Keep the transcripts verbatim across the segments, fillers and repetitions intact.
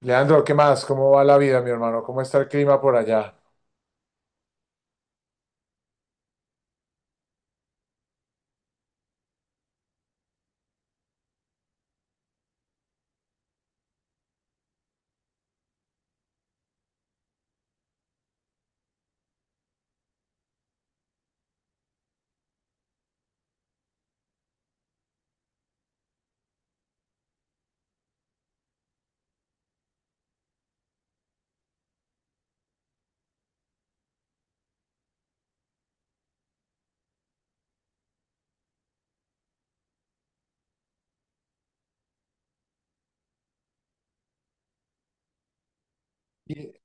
Leandro, ¿qué más? ¿Cómo va la vida, mi hermano? ¿Cómo está el clima por allá? Y,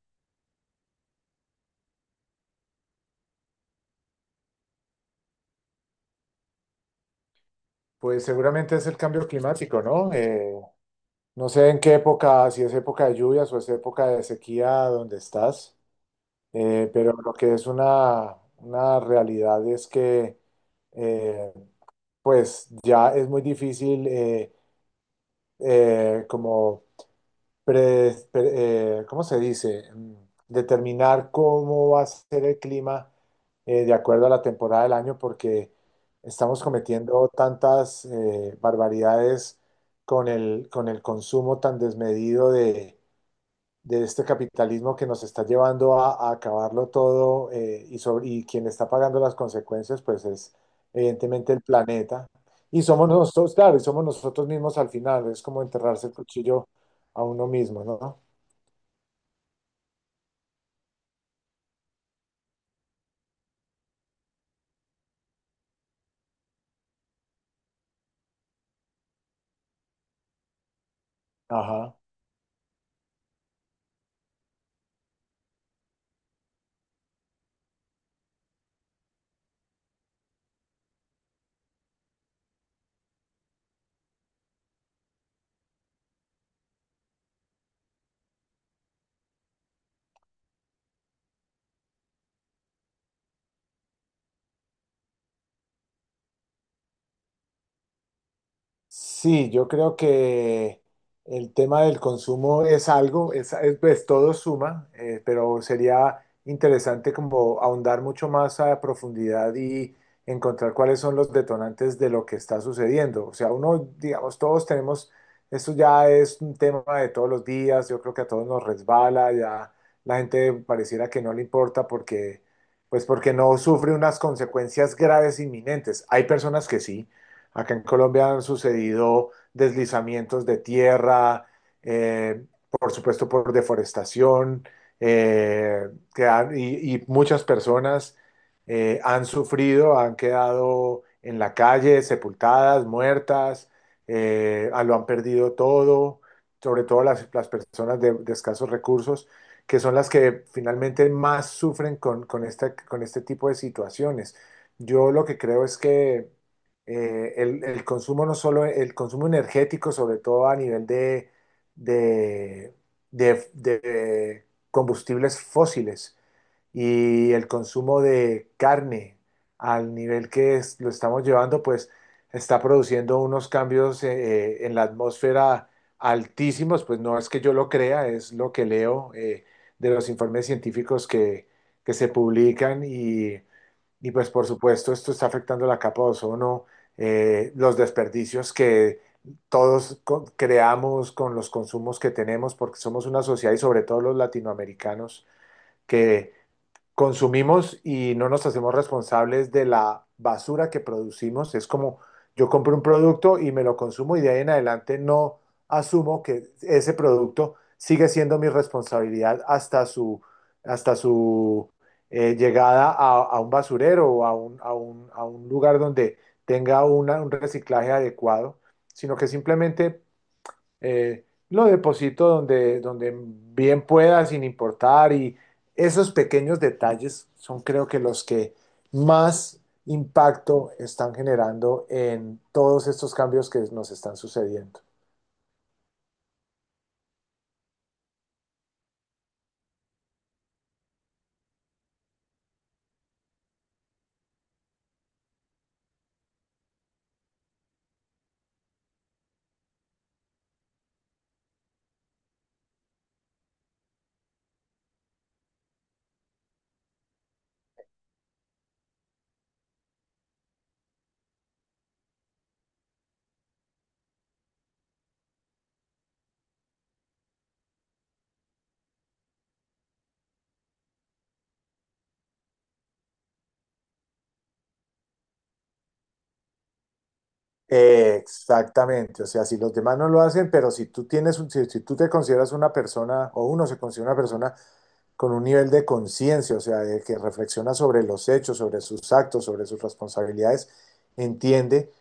Pues seguramente es el cambio climático, ¿no? Eh, no sé en qué época, si es época de lluvias o es época de sequía donde estás, eh, pero lo que es una, una realidad es que eh, pues ya es muy difícil eh, eh, como pre- pre- eh, ¿cómo se dice? Mm, Determinar cómo va a ser el clima eh, de acuerdo a la temporada del año, porque estamos cometiendo tantas eh, barbaridades con el, con el consumo tan desmedido de, de este capitalismo que nos está llevando a, a acabarlo todo eh, y, sobre, y quien está pagando las consecuencias, pues es evidentemente el planeta. Y somos nosotros, claro, y somos nosotros mismos al final, es como enterrarse el cuchillo a uno mismo, ¿no? Ajá. Sí, yo creo que el tema del consumo es algo, es, es- pues todo suma, eh, pero sería interesante como ahondar mucho más a profundidad y encontrar cuáles son los detonantes de lo que está sucediendo. O sea, uno, digamos, todos tenemos, esto ya es un tema de todos los días, yo creo que a todos nos resbala, ya la gente pareciera que no le importa porque, pues porque no sufre unas consecuencias graves inminentes. Hay personas que sí. Acá en Colombia han sucedido deslizamientos de tierra, eh, por supuesto por deforestación, eh, que han- y, y muchas personas eh, han sufrido, han quedado en la calle, sepultadas, muertas, eh, ah, lo han perdido todo, sobre todo las, las personas de, de escasos recursos, que son las que finalmente más sufren con, con esta- con este tipo de situaciones. Yo lo que creo es que eh, el, el consumo no solo, el consumo energético, sobre todo a nivel de, de, de- de combustibles fósiles y el consumo de carne al nivel que es- lo estamos llevando, pues está produciendo unos cambios eh, eh, en la atmósfera altísimos, pues no es que yo lo crea, es lo que leo eh, de los informes científicos que, que se publican y y pues por supuesto esto está afectando la capa de ozono, eh, los desperdicios que todos co- creamos con los consumos que tenemos, porque somos una sociedad y sobre todo los latinoamericanos que consumimos y no nos hacemos responsables de la basura que producimos. Es como yo compro un producto y me lo consumo y de ahí en adelante no asumo que ese producto sigue siendo mi responsabilidad hasta su, hasta su eh, llegada a, a un basurero o a un, a un- a un lugar donde tenga una- un reciclaje adecuado, sino que simplemente eh, lo deposito donde, donde bien pueda, sin importar. Y esos pequeños detalles son creo que los que más impacto están generando en todos estos cambios que nos están sucediendo. Exactamente, o sea, si los demás no lo hacen, pero si tú tienes un- si, si tú te consideras una persona o uno se considera una persona con un nivel de conciencia, o sea, de que reflexiona sobre los hechos, sobre sus actos, sobre sus responsabilidades, entiende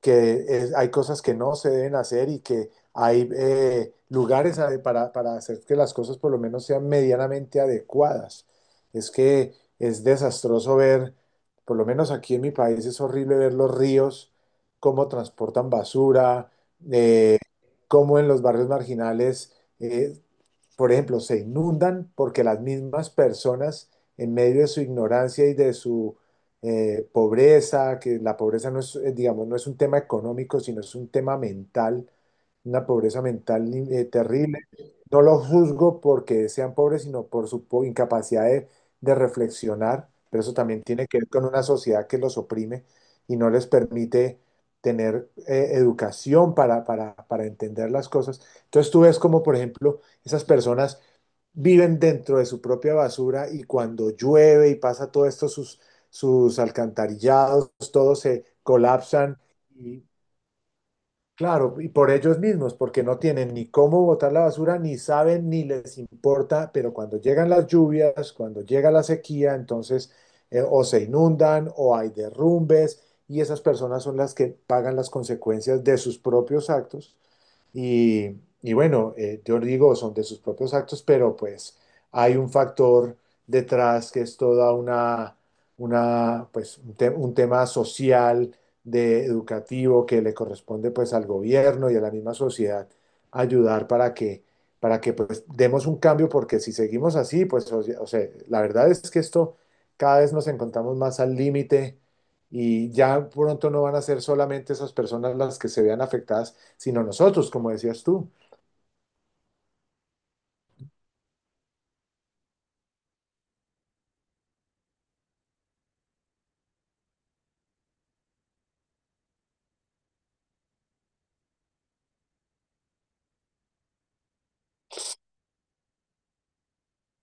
que es- hay cosas que no se deben hacer y que hay eh, lugares a- para, para hacer que las cosas por lo menos sean medianamente adecuadas. Es que es desastroso ver, por lo menos aquí en mi país es horrible ver los ríos, cómo transportan basura, eh, cómo en los barrios marginales eh, por ejemplo, se inundan porque las mismas personas, en medio de su ignorancia y de su eh, pobreza, que la pobreza no es, eh, digamos, no es un tema económico, sino es un tema mental, una pobreza mental eh, terrible. No los juzgo porque sean pobres, sino por su po- incapacidad de, de reflexionar, pero eso también tiene que ver con una sociedad que los oprime y no les permite tener eh, educación para, para, para entender las cosas. Entonces tú ves como, por ejemplo, esas personas viven dentro de su propia basura y cuando llueve y pasa todo esto, sus, sus alcantarillados, todos se colapsan y claro, y por ellos mismos, porque no tienen ni cómo botar la basura, ni saben, ni les importa, pero cuando llegan las lluvias, cuando llega la sequía, entonces eh, o se inundan o hay derrumbes y esas personas son las que pagan las consecuencias de sus propios actos y, y bueno, eh, yo digo, son de sus propios actos, pero pues hay un factor detrás que es toda una, una pues un, te- un tema social, de educativo, que le corresponde pues al gobierno y a la misma sociedad ayudar para que, para que pues demos un cambio, porque si seguimos así, pues o sea, o sea, la verdad es que esto cada vez nos encontramos más al límite y ya pronto no van a ser solamente esas personas las que se vean afectadas sino nosotros, como decías tú.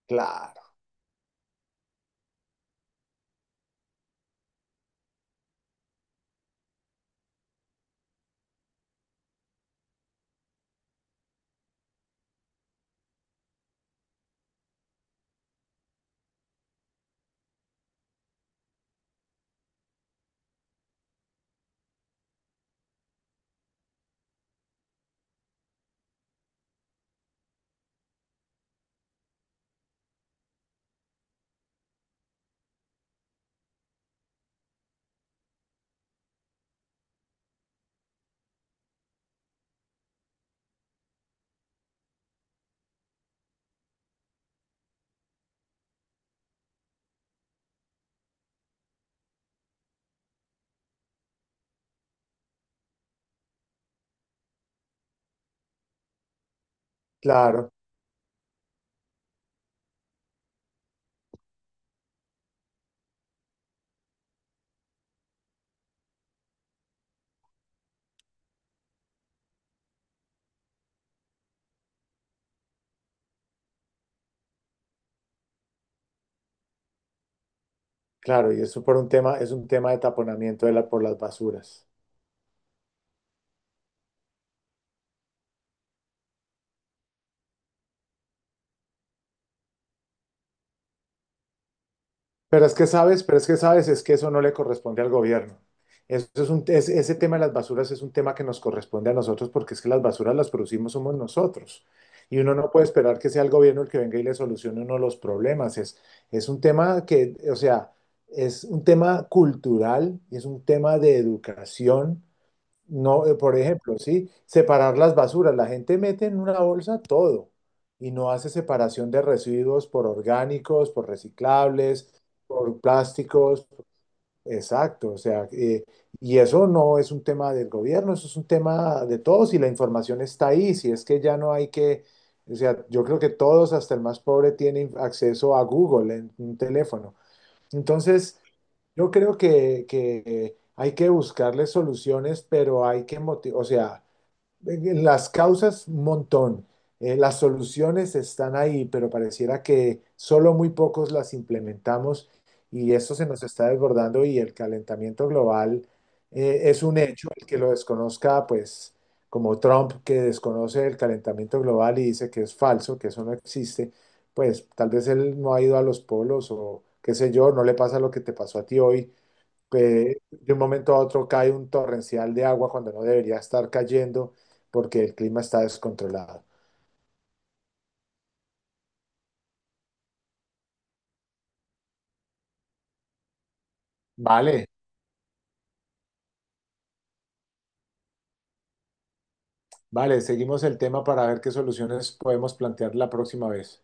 Claro, claro, claro, y eso por un tema, es un tema de taponamiento de la, por las basuras. Pero es que sabes, pero es que sabes, es que eso no le corresponde al gobierno. Eso es un, es- ese tema de las basuras es un tema que nos corresponde a nosotros porque es que las basuras las producimos somos nosotros. Y uno no puede esperar que sea el gobierno el que venga y le solucione uno los problemas. Es, es un tema que, o sea, es un tema cultural, es un tema de educación. No, eh, por ejemplo, sí, separar las basuras. La gente mete en una bolsa todo y no hace separación de residuos por orgánicos, por reciclables, por plásticos. Exacto, o sea, eh, y eso no es un tema del gobierno, eso es un tema de todos y la información está ahí. Si es que ya no hay que, o sea, yo creo que todos, hasta el más pobre, tienen acceso a Google en un teléfono. Entonces, yo creo que, que hay que buscarle soluciones, pero hay que motivar, o sea, las causas, un montón. Eh, las soluciones están ahí, pero pareciera que solo muy pocos las implementamos y eso se nos está desbordando y el calentamiento global eh, es un hecho. El que lo desconozca, pues como Trump, que desconoce el calentamiento global y dice que es falso, que eso no existe, pues tal vez él no ha ido a los polos o qué sé yo, no le pasa lo que te pasó a ti hoy, que de un momento a otro cae un torrencial de agua cuando no debería estar cayendo porque el clima está descontrolado. Vale, vale, seguimos el tema para ver qué soluciones podemos plantear la próxima vez.